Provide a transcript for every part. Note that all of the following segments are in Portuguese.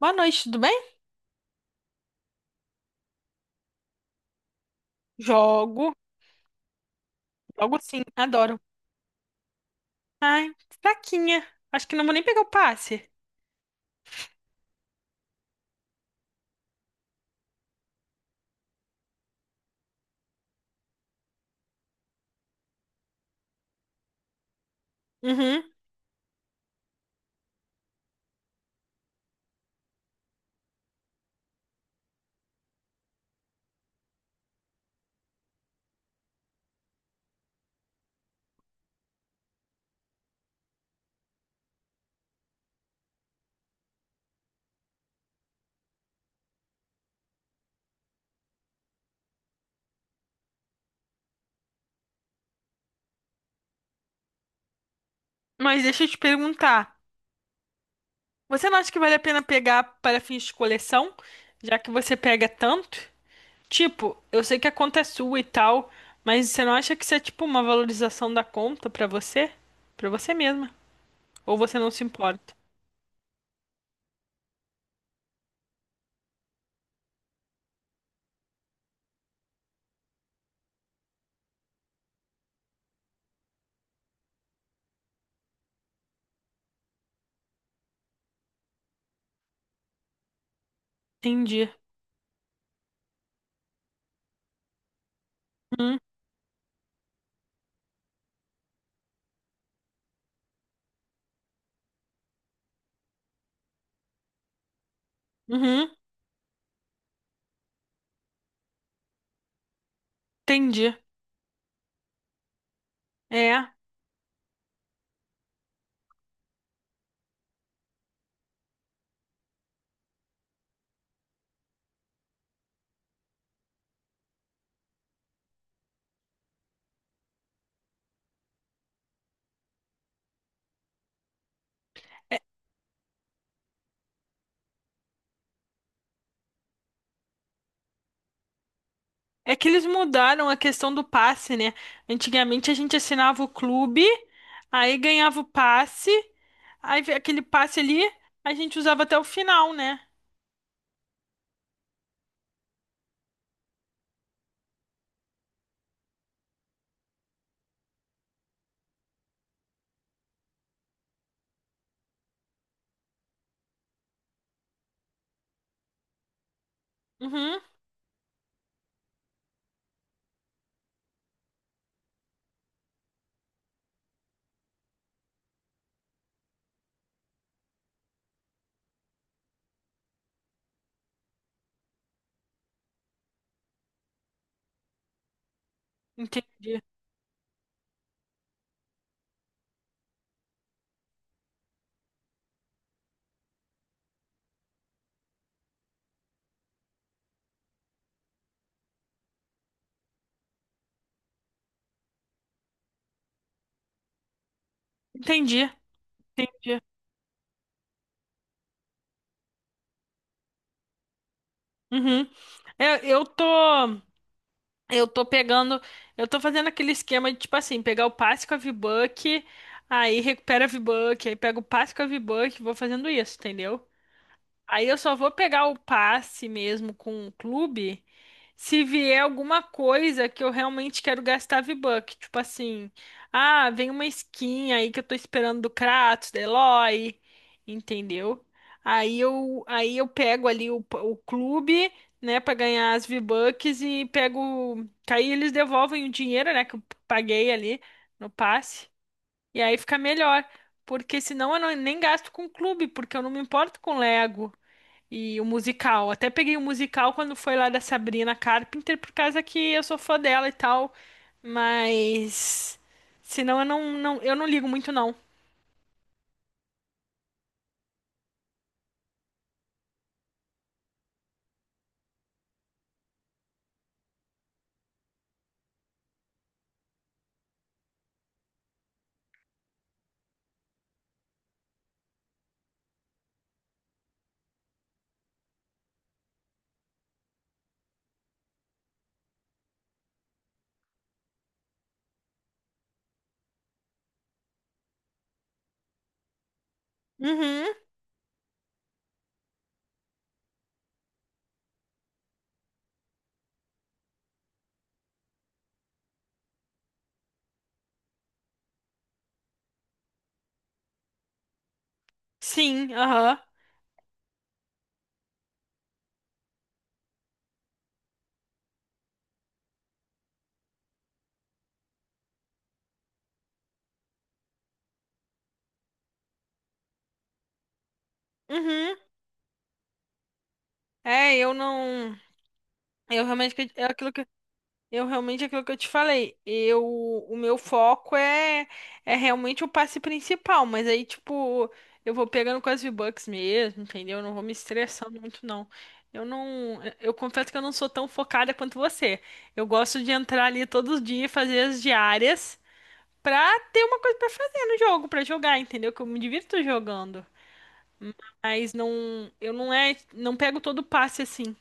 Boa noite, tudo bem? Jogo, jogo sim, adoro. Ai, fraquinha. Acho que não vou nem pegar o passe. Uhum. Mas deixa eu te perguntar. Você não acha que vale a pena pegar para fins de coleção, já que você pega tanto? Tipo, eu sei que a conta é sua e tal, mas você não acha que isso é tipo uma valorização da conta pra você? Pra você mesma? Ou você não se importa? Entendi. Uhum. Uhum. Entendi. É. É, É que eles mudaram a questão do passe, né? Antigamente a gente assinava o clube, aí ganhava o passe, aquele passe ali a gente usava até o final, né? Uhum, entendi. Entendi, entendi. Uhum. É, Eu, tô, eu tô pegando, eu tô fazendo aquele esquema de tipo assim, pegar o passe com a V-Buck, aí recupera a V-Buck, aí pega o passe com a V-Buck, vou fazendo isso, entendeu? Aí eu só vou pegar o passe mesmo com o clube se vier alguma coisa que eu realmente quero gastar V-Buck. Tipo assim, ah, vem uma skin aí que eu tô esperando do Kratos, da Eloy, entendeu? Aí eu pego ali o clube, né, pra ganhar as V-Bucks e pego. Que Aí eles devolvem o dinheiro, né, que eu paguei ali no passe. E aí fica melhor. Porque senão eu não- nem gasto com o clube, porque eu não me importo com Lego. E o musical. Até peguei o musical quando foi lá da Sabrina Carpenter, por causa que eu sou fã dela e tal. Mas. Senão eu não ligo muito, não. Uhum. Sim, aham. Uhum. É, eu não. Eu realmente. É aquilo que Eu realmente aquilo que eu te falei, eu o meu foco é é realmente o passe principal, mas aí tipo, eu vou pegando com as V-Bucks mesmo, entendeu? Eu não vou me estressando muito não. Eu confesso que eu não sou tão focada quanto você. Eu gosto de entrar ali todos os dias, fazer as diárias pra ter uma coisa pra fazer no jogo, pra jogar, entendeu? Que eu me divirto jogando. Mas não, eu não é, não pego todo o passe assim.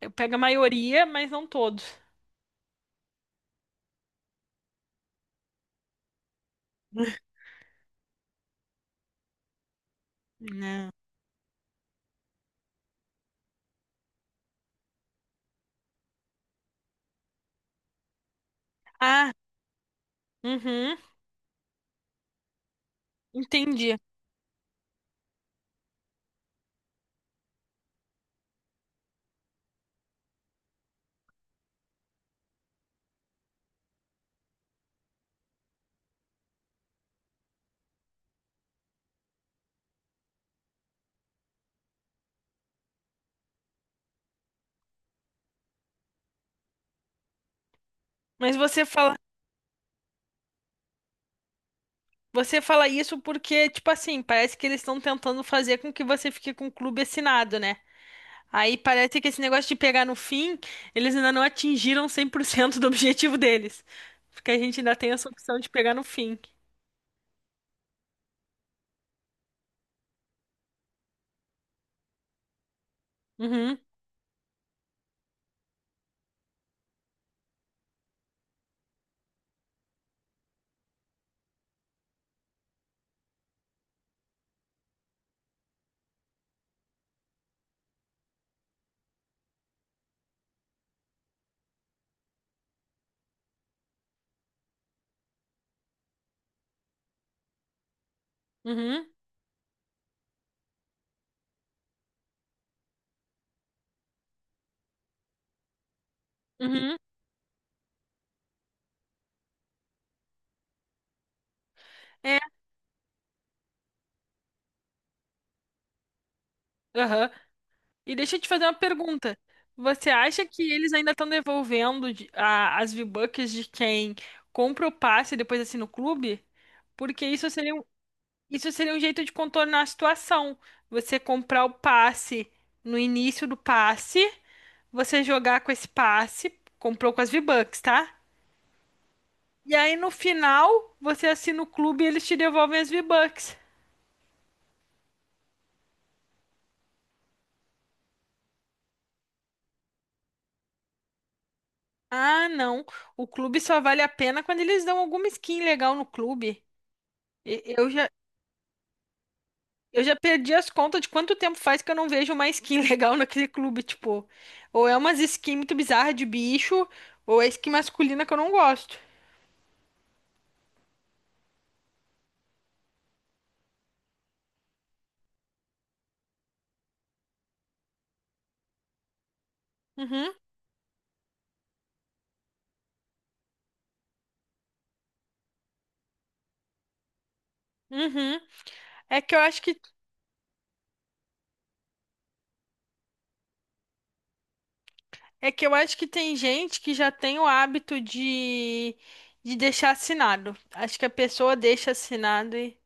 Eu pego a maioria, mas não todos, né? Ah, uhum. Entendi. Mas você fala, você fala isso porque, tipo assim, parece que eles estão tentando fazer com que você fique com o clube assinado, né? Aí parece que esse negócio de pegar no fim, eles ainda não atingiram 100% do objetivo deles. Porque a gente ainda tem essa opção de pegar no fim. Uhum, uhum, uhum. É, aham. E deixa eu te fazer uma pergunta. Você acha que eles ainda estão devolvendo as V-Bucks de quem compra o passe e depois assina o clube? Porque isso seria Isso seria um jeito de contornar a situação. Você comprar o passe no início do passe, você jogar com esse passe, comprou com as V-Bucks, tá? E aí no final, você assina o clube e eles te devolvem as V-Bucks. Ah, não. O clube só vale a pena quando eles dão alguma skin legal no clube. E- Eu já, eu já perdi as contas de quanto tempo faz que eu não vejo uma skin legal naquele clube, tipo. Ou é umas skins muito bizarras de bicho, ou é skin masculina que eu não gosto. Uhum. Uhum. É que eu acho que é que eu acho que tem gente que já tem o hábito de deixar assinado. Acho que a pessoa deixa assinado e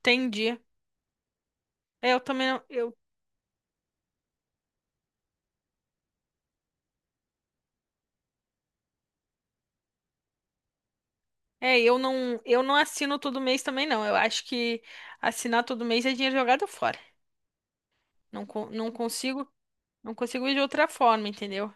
entendi. É, Eu também não, eu eu não assino todo mês também não. Eu acho que assinar todo mês é dinheiro jogado fora. Não consigo, não consigo ir de outra forma, entendeu?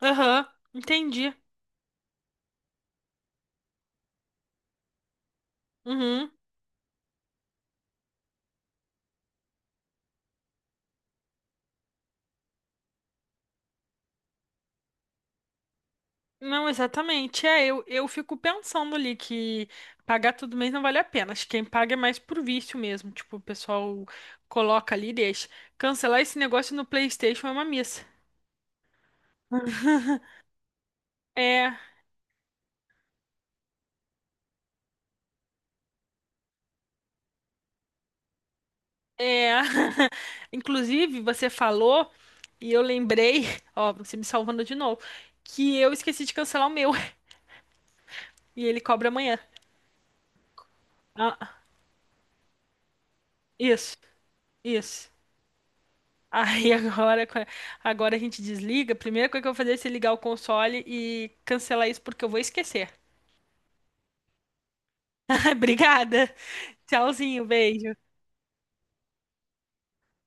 Aham, entendi. Uhum. Não, exatamente. Eu fico pensando ali que pagar todo mês não vale a pena. Acho que quem paga é mais por vício mesmo. Tipo, o pessoal coloca ali e deixa. Cancelar esse negócio no PlayStation é uma missa. É, é. Inclusive, você falou e eu lembrei, ó, você me salvando de novo, que eu esqueci de cancelar o meu e ele cobra amanhã. Ah, isso, isso. Aí agora, agora a gente desliga. A primeira coisa que eu vou fazer é se ligar o console e cancelar isso porque eu vou esquecer. Obrigada. Tchauzinho, beijo.